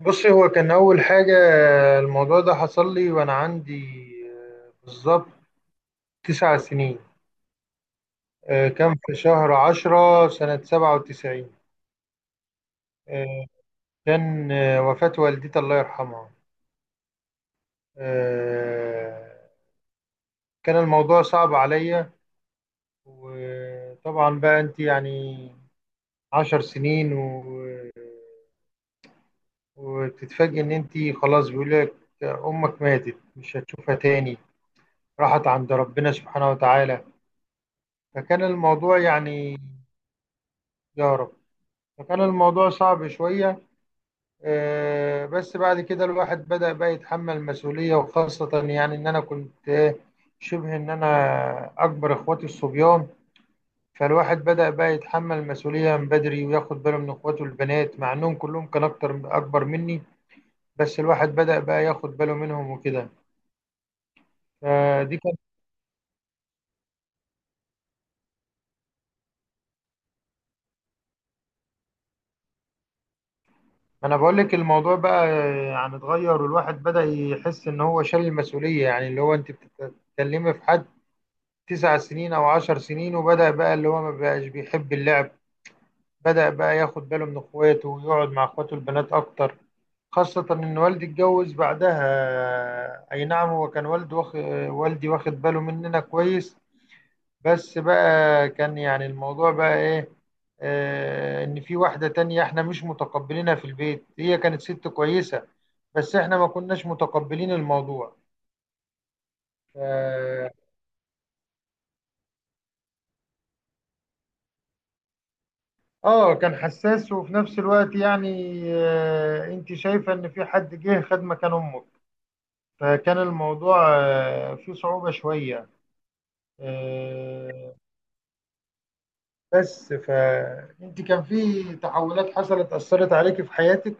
بصي هو كان أول حاجة. الموضوع ده حصل لي وأنا عندي بالظبط 9 سنين. كان في شهر 10 سنة 97. آه، كان وفاة والدتي الله يرحمها. آه، كان الموضوع صعب عليا. وطبعا بقى أنت يعني 10 سنين وتتفاجئي إن أنت خلاص بيقول لك أمك ماتت، مش هتشوفها تاني، راحت عند ربنا سبحانه وتعالى. فكان الموضوع يعني، يا رب، فكان الموضوع صعب شوية. بس بعد كده الواحد بدأ بقى يتحمل المسؤولية، وخاصة يعني إن أنا كنت شبه إن أنا أكبر إخواتي الصبيان. فالواحد بدأ بقى يتحمل المسؤولية من بدري وياخد باله من إخواته البنات، مع إنهم كلهم كان أكبر مني. بس الواحد بدأ بقى ياخد باله منهم وكده. فدي كان أنا بقول لك الموضوع بقى يعني اتغير، والواحد بدأ يحس إن هو شال المسؤولية، يعني اللي هو أنت بتتكلمي في حد 9 سنين او 10 سنين. وبدأ بقى اللي هو ما بقاش بيحب اللعب، بدأ بقى ياخد باله من اخواته ويقعد مع اخواته البنات اكتر. خاصة ان والدي اتجوز بعدها، اي نعم هو كان والد والدي واخد باله مننا كويس. بس بقى كان يعني الموضوع بقى ايه، آه ان في واحدة تانية احنا مش متقبلينها في البيت. هي كانت ست كويسة، بس احنا ما كناش متقبلين الموضوع. ف- اه كان حساس، وفي نفس الوقت يعني انت شايفة ان في حد جه خد مكان امك. فكان الموضوع فيه صعوبة شوية. آه، بس فانت كان في تحولات حصلت اثرت عليك في حياتك.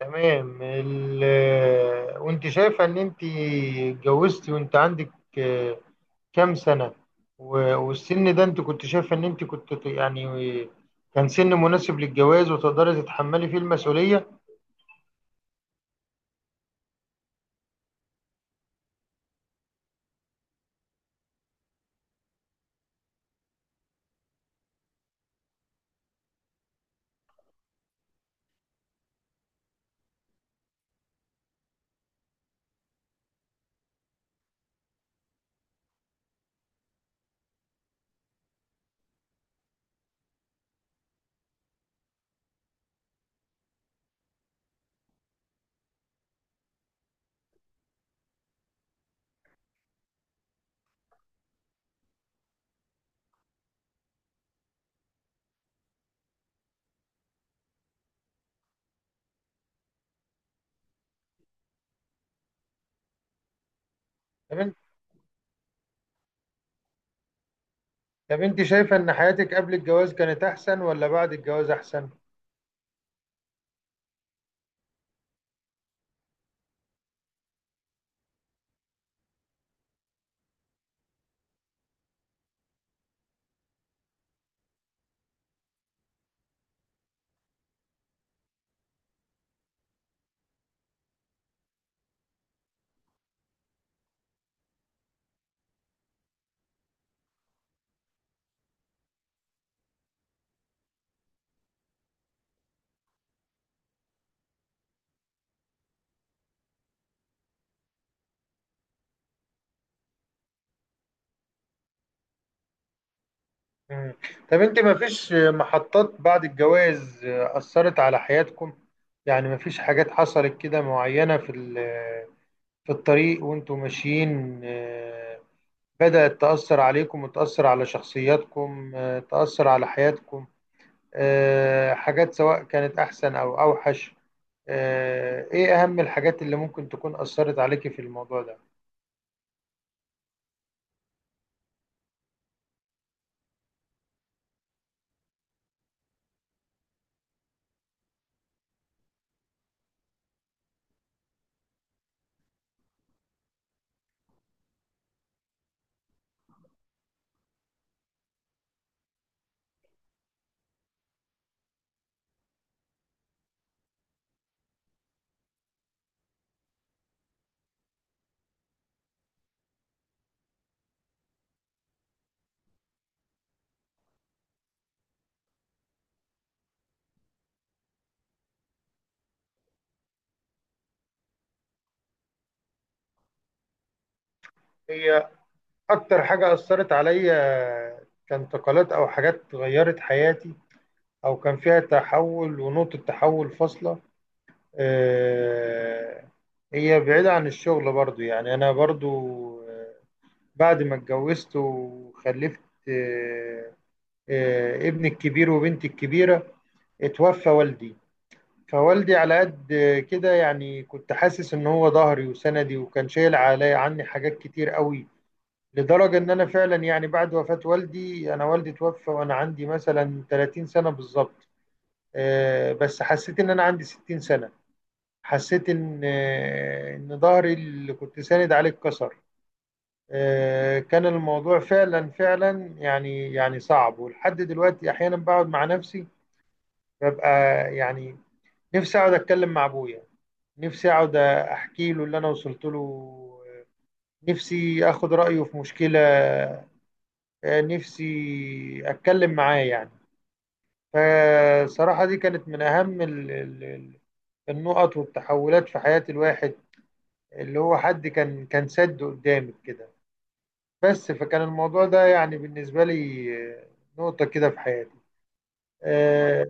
تمام ال... آه، وانت شايفة ان انت اتجوزتي وانت عندك آه، كام سنة؟ والسن ده انت كنت شايفة ان انت كنت يعني كان سن مناسب للجواز وتقدري تتحملي فيه المسؤولية؟ طب انت طب انت شايفه ان حياتك قبل الجواز كانت احسن ولا بعد الجواز احسن؟ مم. طب انت ما فيش محطات بعد الجواز اثرت على حياتكم؟ يعني ما فيش حاجات حصلت كده معينه في الطريق وانتوا ماشيين، بدأت تأثر عليكم وتأثر على شخصياتكم، تأثر على حياتكم، حاجات سواء كانت احسن او اوحش؟ ايه اهم الحاجات اللي ممكن تكون اثرت عليكي في الموضوع ده؟ اكتر حاجة اثرت عليا كانتقالات، او حاجات غيرت حياتي او كان فيها تحول ونقطة تحول فاصلة آه، هي بعيدة عن الشغل برضو. يعني انا برضو آه، بعد ما اتجوزت وخلفت آه، ابني الكبير وبنتي الكبيرة اتوفى والدي. فوالدي على قد كده يعني كنت حاسس ان هو ظهري وسندي، وكان شايل عليا عني حاجات كتير قوي. لدرجة إن أنا فعلا يعني بعد وفاة والدي، أنا والدي توفى وأنا عندي مثلا 30 سنة بالظبط، بس حسيت إن أنا عندي 60 سنة. حسيت إن إن ظهري اللي كنت ساند عليه اتكسر. كان الموضوع فعلا يعني صعب. ولحد دلوقتي أحيانا بقعد مع نفسي، ببقى يعني نفسي أقعد أتكلم مع أبويا، نفسي أقعد أحكي له اللي أنا وصلت له، آه، نفسي أخد رأيه في مشكلة، نفسي اتكلم معاه يعني. فصراحة دي كانت من اهم النقط والتحولات في حياة الواحد، اللي هو حد كان سد قدامك كده. بس فكان الموضوع ده يعني بالنسبة لي نقطة كده في حياتي. آه،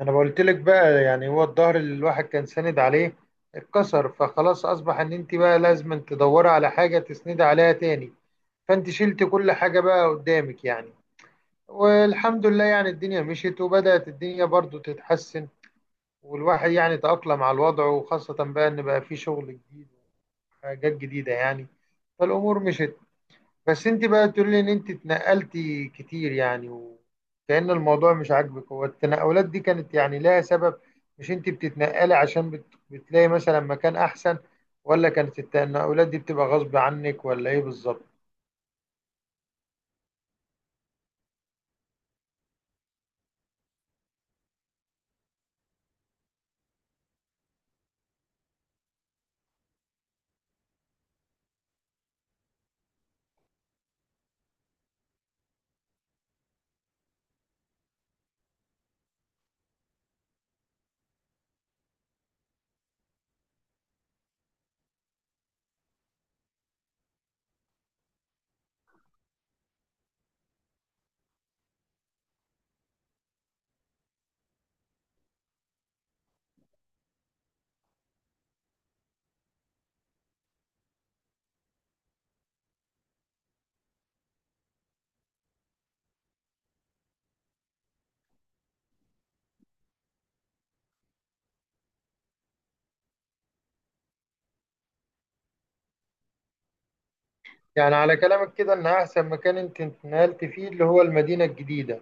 انا قلت لك بقى، يعني هو الظهر اللي الواحد كان ساند عليه اتكسر، فخلاص اصبح ان انت بقى لازم تدوري على حاجة تسندي عليها تاني، فانت شلت كل حاجة بقى قدامك يعني. والحمد لله يعني الدنيا مشيت، وبدأت الدنيا برضو تتحسن، والواحد يعني تأقلم على الوضع، وخاصة بقى إن بقى في شغل جديد وحاجات جديدة يعني. فالأمور مشيت. بس أنت بقى تقول لي إن أنت اتنقلتي كتير، يعني وكأن الموضوع مش عاجبك. هو التنقلات دي كانت يعني لها سبب، مش أنت بتتنقلي عشان بتلاقي مثلا مكان أحسن؟ ولا كانت التنقلات دي بتبقى غصب عنك ولا إيه بالظبط؟ يعني على كلامك كده إن أحسن مكان أنت اتنقلت فيه اللي هو المدينة الجديدة،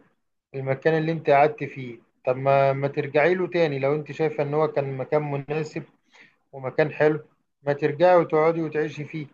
المكان اللي انت قعدت فيه، طب ما ترجعي له تاني؟ لو انت شايفة ان هو كان مكان مناسب ومكان حلو، ما ترجعي وتقعدي وتعيشي فيه؟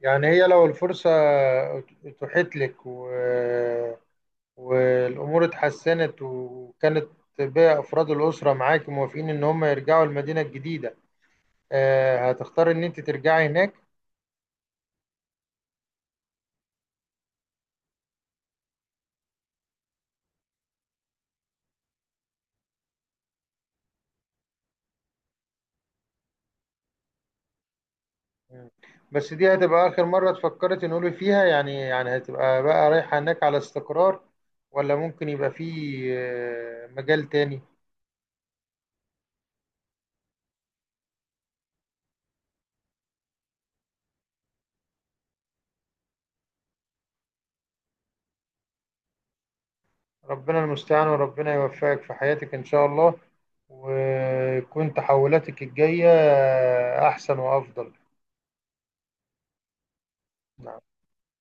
يعني هي لو الفرصة اتوحت لك والامور اتحسنت، وكانت باقي افراد الاسرة معاك موافقين ان هم يرجعوا المدينة الجديدة، هتختاري ان انت ترجعي هناك؟ مم. بس دي هتبقى آخر مرة اتفكرت نقول فيها يعني، يعني هتبقى بقى رايحة هناك على استقرار، ولا ممكن يبقى في مجال تاني؟ ربنا المستعان، وربنا يوفقك في حياتك إن شاء الله، ويكون تحولاتك الجاية أحسن وأفضل. نعم.